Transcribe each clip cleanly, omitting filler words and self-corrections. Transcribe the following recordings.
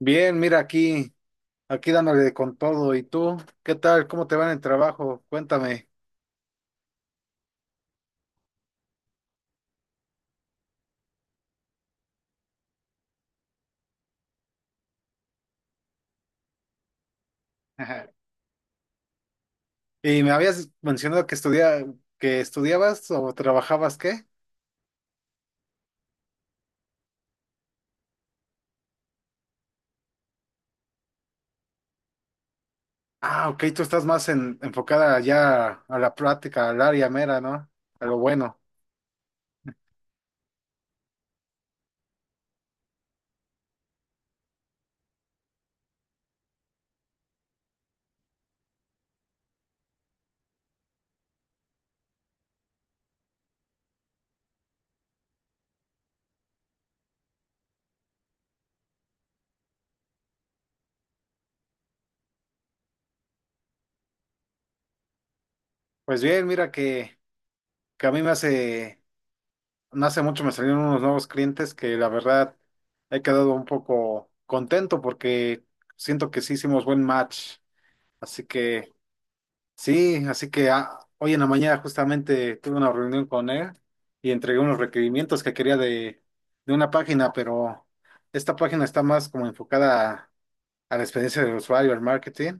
Bien, mira aquí, aquí dándole con todo. ¿Y tú? ¿Qué tal? ¿Cómo te va en el trabajo? Cuéntame. Y me habías mencionado que estudiabas o trabajabas, ¿qué? Ah, ok, tú estás más enfocada ya a la práctica, al área mera, ¿no? A lo bueno. Pues bien, mira que a mí no hace mucho me salieron unos nuevos clientes que la verdad he quedado un poco contento porque siento que sí hicimos buen match. Así que... Sí, así que ah, hoy en la mañana justamente tuve una reunión con él y entregué unos requerimientos que quería de una página, pero esta página está más como enfocada a la experiencia del usuario, al marketing,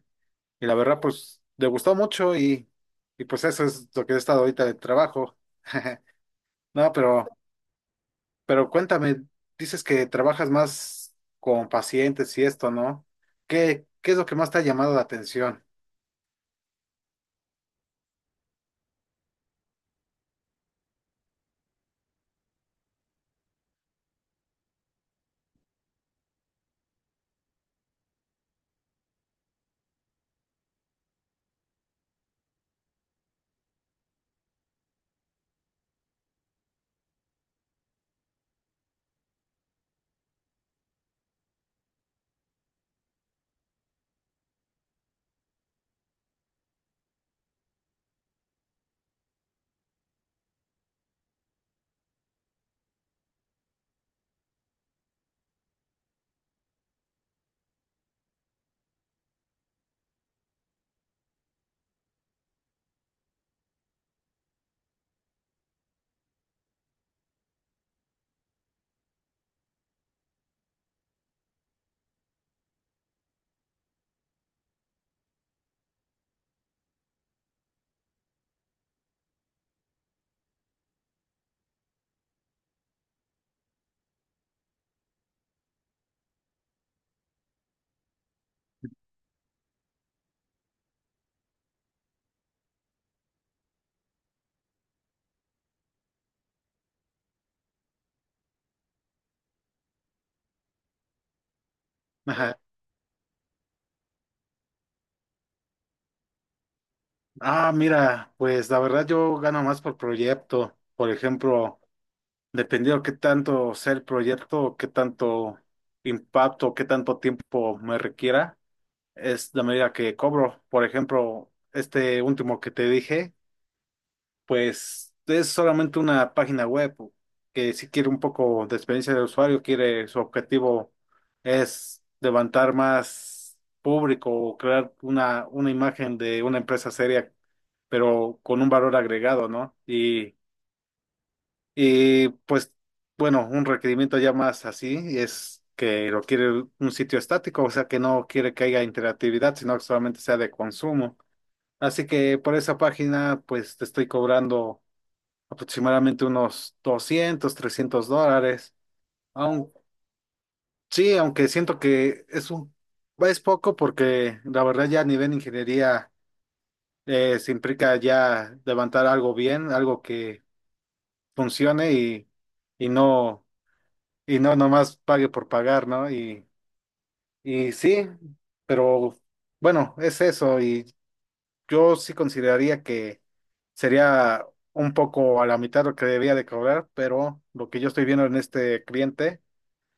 y la verdad pues le gustó mucho y pues eso es lo que he estado ahorita de trabajo. No, pero cuéntame, dices que trabajas más con pacientes y esto, ¿no? ¿Qué es lo que más te ha llamado la atención? Ah, mira, pues la verdad yo gano más por proyecto. Por ejemplo, dependiendo qué tanto sea el proyecto, qué tanto impacto, qué tanto tiempo me requiera, es la medida que cobro. Por ejemplo, este último que te dije. Pues es solamente una página web que si quiere un poco de experiencia de usuario, quiere su objetivo es levantar más público o crear una imagen de una empresa seria, pero con un valor agregado, ¿no? Y pues bueno, un requerimiento ya más así es que lo quiere un sitio estático, o sea que no quiere que haya interactividad, sino que solamente sea de consumo. Así que por esa página, pues te estoy cobrando aproximadamente unos $200-300. Aun, sí, aunque siento que es poco porque la verdad ya a nivel de ingeniería se implica ya levantar algo bien, algo que funcione y, y no, y no nomás pague por pagar, ¿no? Y sí, pero bueno, es eso y yo sí consideraría que sería un poco a la mitad lo que debía de cobrar, pero lo que yo estoy viendo en este cliente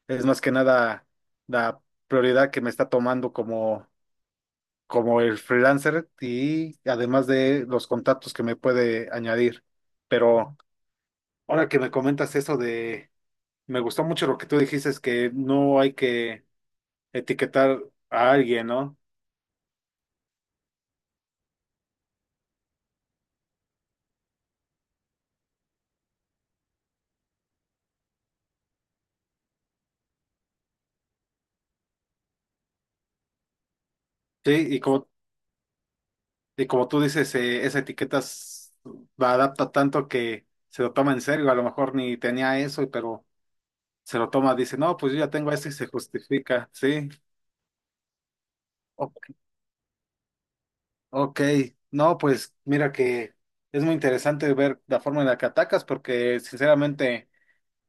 es más que nada la prioridad que me está tomando como el freelancer y además de los contactos que me puede añadir. Pero ahora que me comentas me gustó mucho lo que tú dijiste, es que no hay que etiquetar a alguien, ¿no? Sí, y como tú dices, esa etiqueta la adapta tanto que se lo toma en serio, a lo mejor ni tenía eso, pero se lo toma, dice, no, pues yo ya tengo esto y se justifica, sí. Ok, no, pues mira que es muy interesante ver la forma en la que atacas porque sinceramente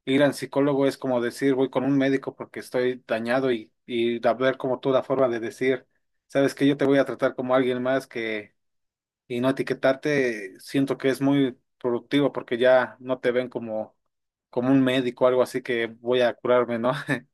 ir al psicólogo es como decir voy con un médico porque estoy dañado y ver como tú la forma de decir, sabes que yo te voy a tratar como alguien más que y no etiquetarte, siento que es muy productivo porque ya no te ven como un médico o algo así que voy a curarme, ¿no?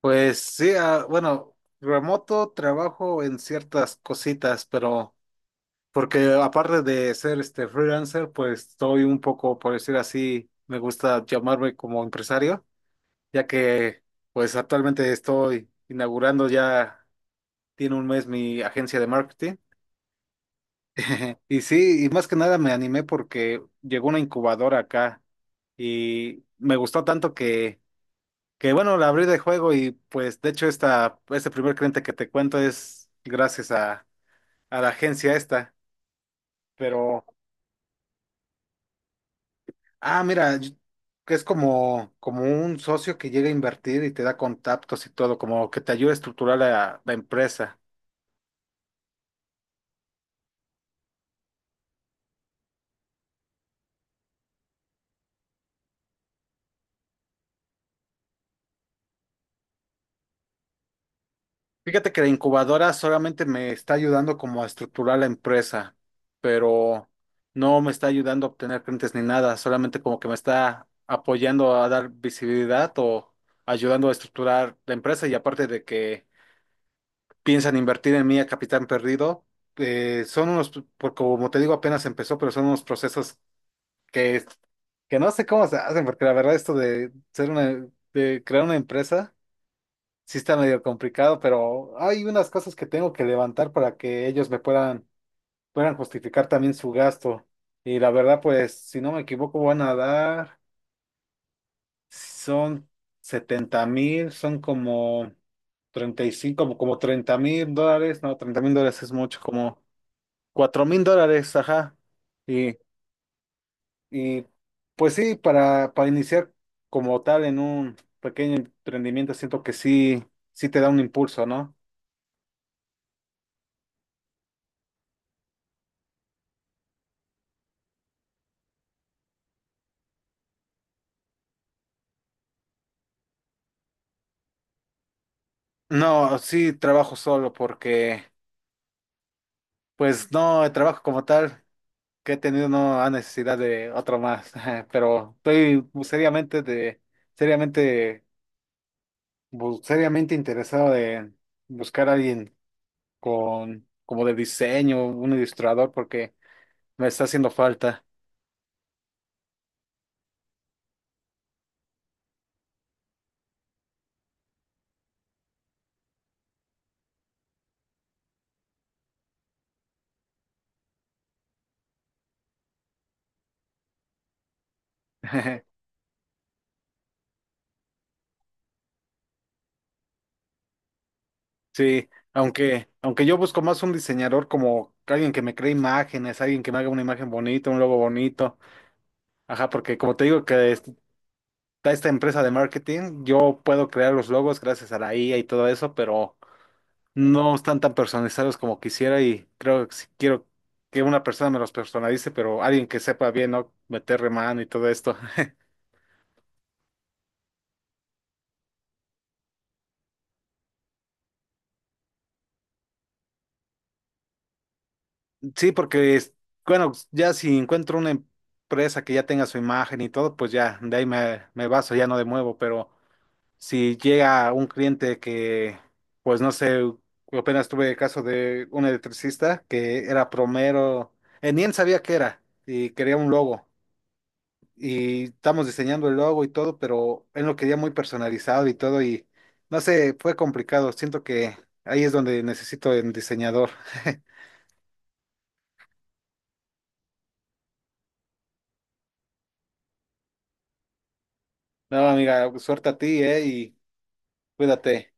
Pues sí, ah, bueno, remoto trabajo en ciertas cositas, pero... Porque aparte de ser este freelancer, pues estoy un poco, por decir así, me gusta llamarme como empresario, ya que pues actualmente estoy inaugurando ya, tiene un mes mi agencia de marketing. Y sí, y más que nada me animé porque llegó una incubadora acá y me gustó tanto que bueno, la abrí de juego y pues de hecho este primer cliente que te cuento es gracias a la agencia esta, pero... Ah, mira, yo- que es como un socio que llega a invertir y te da contactos y todo, como que te ayuda a estructurar la empresa. Fíjate que la incubadora solamente me está ayudando como a estructurar la empresa, pero no me está ayudando a obtener clientes ni nada, solamente como que me está apoyando a dar visibilidad o ayudando a estructurar la empresa y aparte de que piensan invertir en mí a capital perdido, son unos, porque como te digo, apenas empezó, pero son unos procesos que, que no sé cómo se hacen, porque la verdad esto de ser una, de crear una empresa, sí está medio complicado, pero hay unas cosas que tengo que levantar para que ellos me puedan justificar también su gasto. Y la verdad, pues, si no me equivoco, van a dar, son 70,000, son como 35 como, como $30,000, no, $30,000 es mucho, como $4,000, ajá. Y Y pues sí, para iniciar como tal en un pequeño emprendimiento, siento que sí, sí te da un impulso, ¿no? No, sí trabajo solo porque, pues no, el trabajo como tal que he tenido no ha necesidad de otro más, pero estoy seriamente, seriamente interesado de buscar a alguien con, como de diseño, un ilustrador, porque me está haciendo falta. Sí, aunque yo busco más un diseñador como alguien que me cree imágenes, alguien que me haga una imagen bonita, un logo bonito. Ajá, porque como te digo que está esta empresa de marketing, yo puedo crear los logos gracias a la IA y todo eso, pero no están tan personalizados como quisiera y creo que si quiero que una persona me los personalice, pero alguien que sepa bien, ¿no? Meterle mano y todo esto. Sí, porque, bueno, ya si encuentro una empresa que ya tenga su imagen y todo, pues ya, de ahí me baso, ya no de nuevo, pero... si llega un cliente que, pues no sé, apenas tuve el caso de un electricista que era promero, ni él sabía qué era y quería un logo. Y estamos diseñando el logo y todo, pero él lo quería muy personalizado y todo y no sé, fue complicado. Siento que ahí es donde necesito el diseñador. No, amiga, suerte a ti, y cuídate.